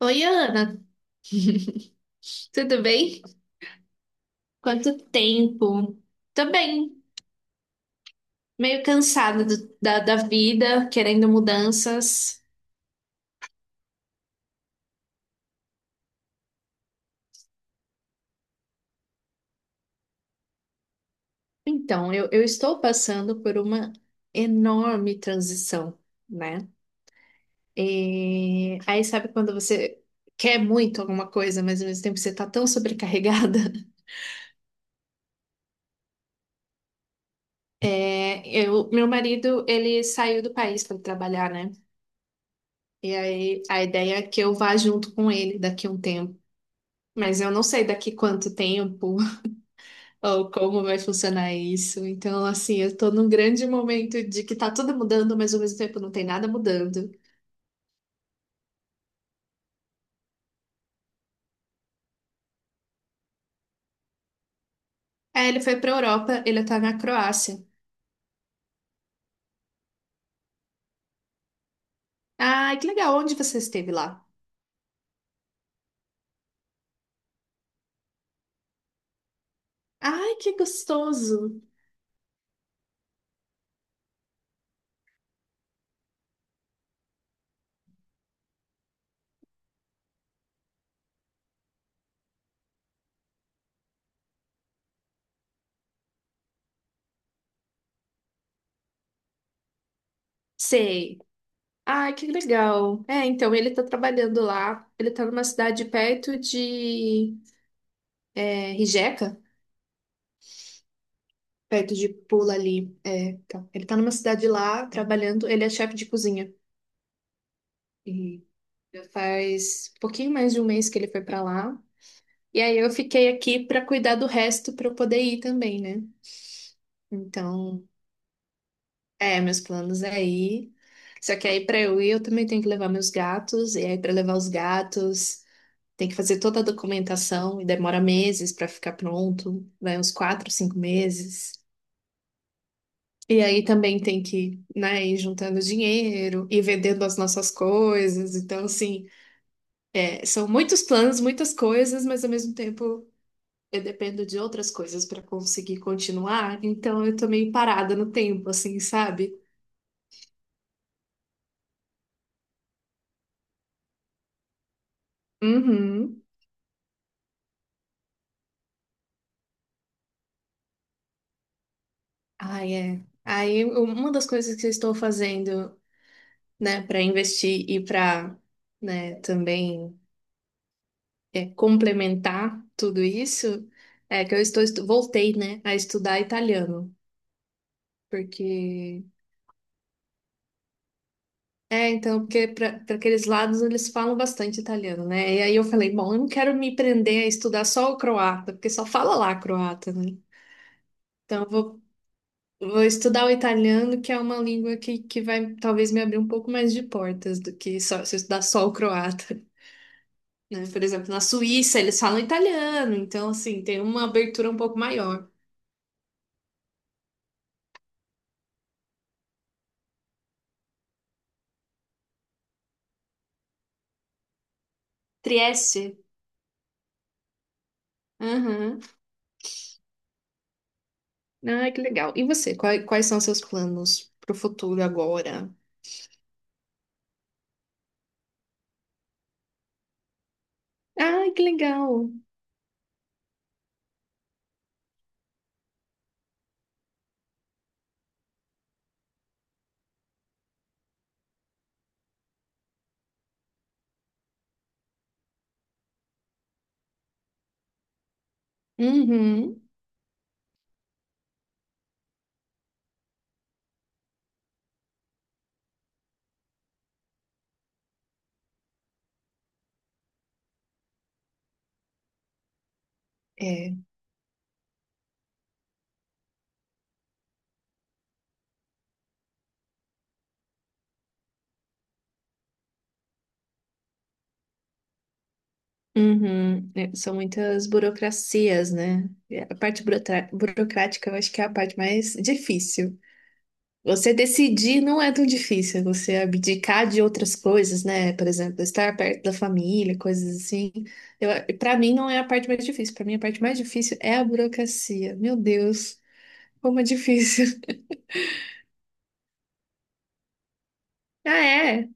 Oi, Ana, tudo bem? Quanto tempo? Tô bem, meio cansada da vida, querendo mudanças. Então, eu estou passando por uma enorme transição, né? E aí, sabe quando você quer muito alguma coisa, mas ao mesmo tempo você tá tão sobrecarregada? É, meu marido, ele saiu do país para trabalhar, né? E aí, a ideia é que eu vá junto com ele daqui a um tempo. Mas eu não sei daqui quanto tempo, ou como vai funcionar isso. Então, assim, eu tô num grande momento de que tá tudo mudando, mas ao mesmo tempo não tem nada mudando. Aí ele foi pra Europa, ele tá na Croácia. Ai, que legal, onde você esteve lá? Ai, que gostoso. Sei. Ai, que legal. É, então ele tá trabalhando lá. Ele tá numa cidade perto de Rijeka, perto de Pula ali. É, tá. Ele tá numa cidade lá trabalhando. Ele é chefe de cozinha. E já faz um pouquinho mais de um mês que ele foi pra lá. E aí eu fiquei aqui para cuidar do resto para eu poder ir também, né? Então, é, meus planos é ir. Só que aí para eu ir, eu também tenho que levar meus gatos, e aí para levar os gatos, tem que fazer toda a documentação e demora meses para ficar pronto, vai uns quatro, cinco meses. E aí também tem que, né, ir juntando dinheiro e vendendo as nossas coisas. Então, assim, é, são muitos planos, muitas coisas, mas ao mesmo tempo eu dependo de outras coisas para conseguir continuar, então eu tô meio parada no tempo, assim, sabe? Uhum. Ai, é. Aí um, uma das coisas que eu estou fazendo, né, para investir e para, né, também é, complementar tudo isso, é que voltei, né, a estudar italiano, porque é, então, porque para aqueles lados eles falam bastante italiano, né? E aí eu falei, bom, eu não quero me prender a estudar só o croata, porque só fala lá croata, né? Então, vou estudar o italiano, que é uma língua que vai talvez me abrir um pouco mais de portas do que só, se eu estudar só o croata, né? Por exemplo, na Suíça eles falam italiano, então, assim, tem uma abertura um pouco maior. Trieste. Aham. Ah, que legal. E você, quais são seus planos pro futuro agora? Ah, que legal. Uhum. É. Uhum. É, são muitas burocracias, né? E a parte burocrática eu acho que é a parte mais difícil. Você decidir não é tão difícil, é você abdicar de outras coisas, né? Por exemplo, estar perto da família, coisas assim. Eu, Para mim não é a parte mais difícil. Para mim a parte mais difícil é a burocracia. Meu Deus, como é difícil. Ah, é.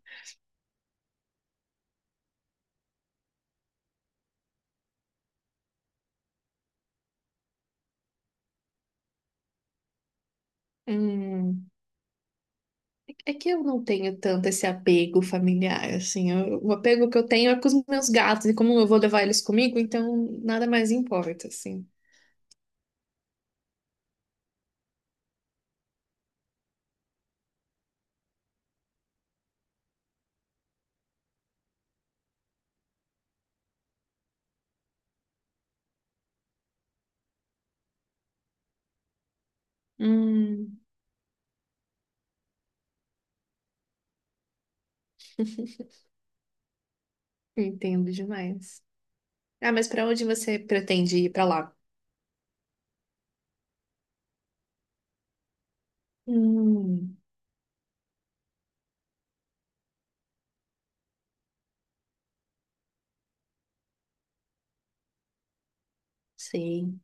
Hum, é que eu não tenho tanto esse apego familiar, assim. Eu- o apego que eu tenho é com os meus gatos e como eu vou levar eles comigo, então nada mais importa, assim. Hum, entendo demais. Ah, mas para onde você pretende ir para lá? Hum, sei,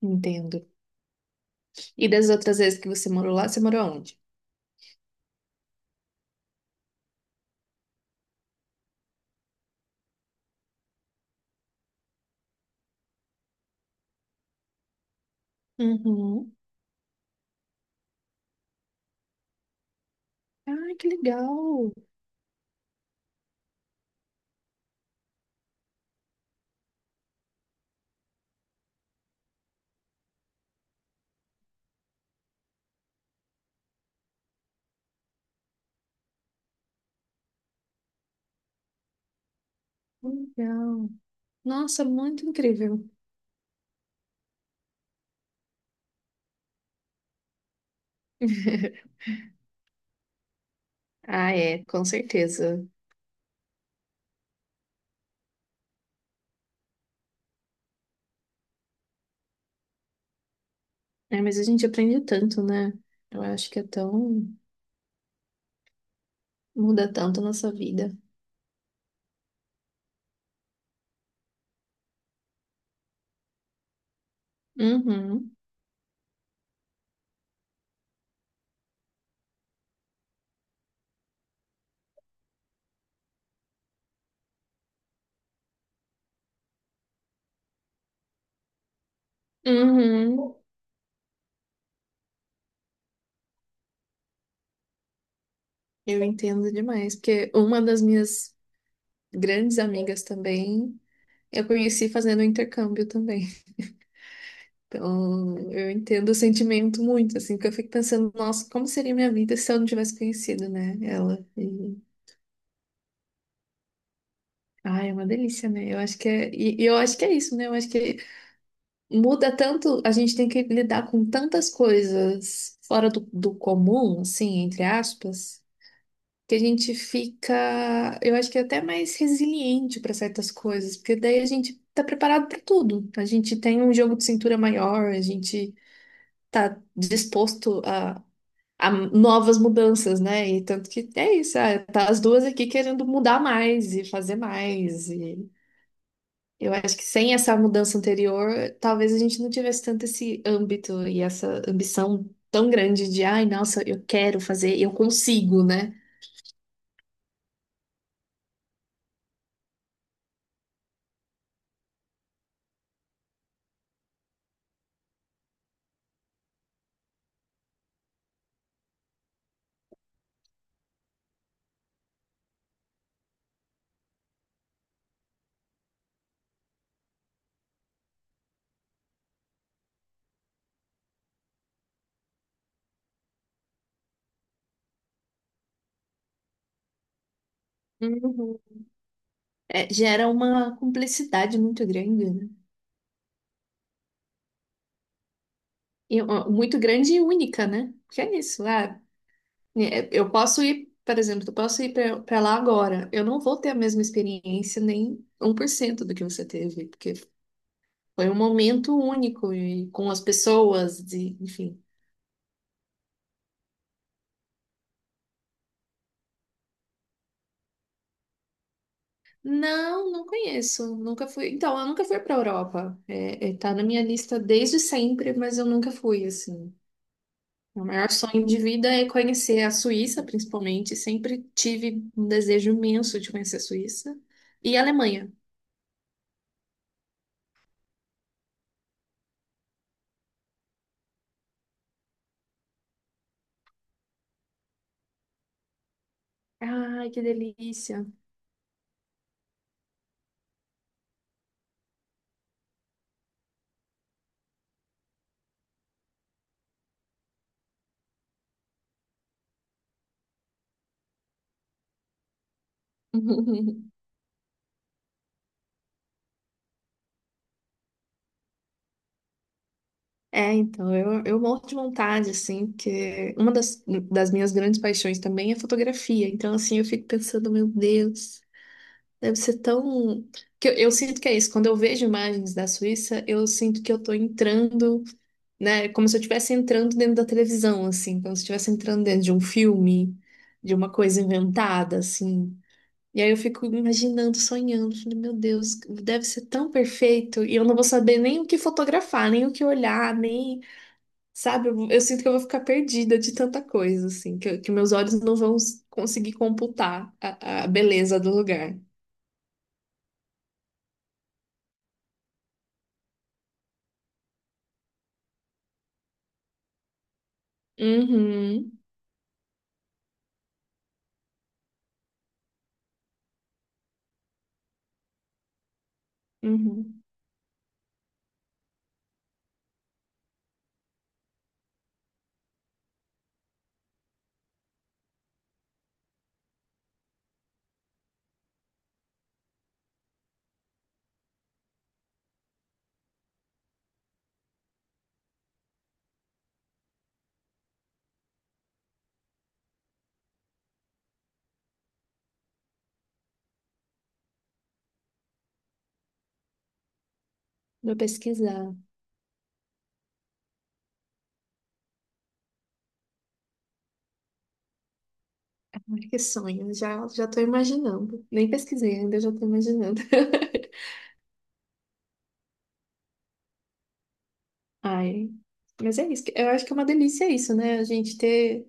entendo. E das outras vezes que você morou lá, você morou onde? Uhum. Ah, que legal, que legal. Nossa, muito incrível. Ah, é, com certeza. É, mas a gente aprende tanto, né? Eu acho que é tão... muda tanto a nossa vida. Uhum. Uhum. Eu entendo demais, porque uma das minhas grandes amigas também, eu conheci fazendo intercâmbio também. Então, eu entendo o sentimento muito, assim, porque eu fico pensando, nossa, como seria minha vida se eu não tivesse conhecido, né, ela. E, ai, é uma delícia, né? Eu acho que é, e eu acho que é isso, né? Eu acho que muda tanto, a gente tem que lidar com tantas coisas fora do, do comum, assim, entre aspas, que a gente fica, eu acho que é até mais resiliente para certas coisas, porque daí a gente tá preparado para tudo. A gente tem um jogo de cintura maior, a gente tá disposto a novas mudanças, né? E tanto que é isso, ah, tá as duas aqui querendo mudar mais e fazer mais. E eu acho que sem essa mudança anterior, talvez a gente não tivesse tanto esse âmbito e essa ambição tão grande de, ai, nossa, eu quero fazer, eu consigo, né? Uhum. É, gera uma cumplicidade muito grande, né? E, ó, muito grande e única, né? Porque é isso, ah, é, eu posso ir, por exemplo, eu posso ir para lá agora. Eu não vou ter a mesma experiência, nem 1% do que você teve, porque foi um momento único e com as pessoas, de, enfim. Não, não conheço. Nunca fui. Então, eu nunca fui para Europa. Tá na minha lista desde sempre, mas eu nunca fui, assim. O maior sonho de vida é conhecer a Suíça, principalmente. Sempre tive um desejo imenso de conhecer a Suíça e a Alemanha. Ai, que delícia! É, então, eu morro de vontade, assim, porque uma das minhas grandes paixões também é fotografia. Então, assim, eu fico pensando, meu Deus, deve ser tão. Que eu sinto que é isso. Quando eu vejo imagens da Suíça, eu sinto que eu tô entrando, né? Como se eu estivesse entrando dentro da televisão, assim, como se eu estivesse entrando dentro de um filme, de uma coisa inventada, assim. E aí eu fico imaginando, sonhando, falei, meu Deus, deve ser tão perfeito, e eu não vou saber nem o que fotografar, nem o que olhar, nem sabe, eu sinto que eu vou ficar perdida de tanta coisa, assim, que meus olhos não vão conseguir computar a beleza do lugar. Uhum, uhum. Vou pesquisar. Ai, que sonho, já, já tô imaginando. Nem pesquisei ainda, eu já tô imaginando. Ai, mas é isso. Eu acho que é uma delícia isso, né? A gente ter,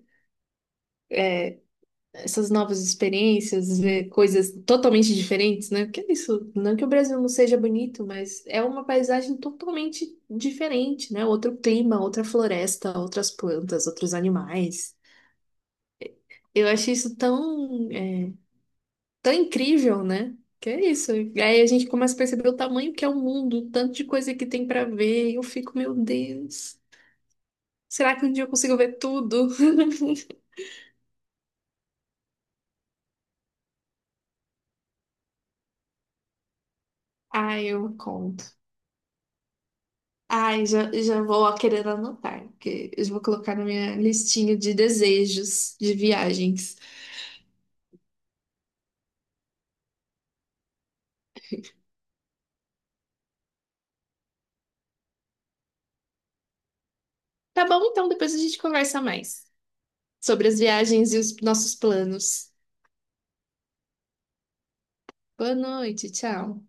essas novas experiências, ver coisas totalmente diferentes, né? Porque é isso, não que o Brasil não seja bonito, mas é uma paisagem totalmente diferente, né? Outro clima, outra floresta, outras plantas, outros animais. Eu acho isso tão, é, tão incrível, né? Que é isso. E aí a gente começa a perceber o tamanho que é o mundo, o tanto de coisa que tem pra ver. E eu fico, meu Deus, será que um dia eu consigo ver tudo? Ai, eu conto. Ai, já, já vou ó, querendo anotar, porque eu já vou colocar na minha listinha de desejos de viagens. Tá bom, então depois a gente conversa mais sobre as viagens e os nossos planos. Boa noite, tchau.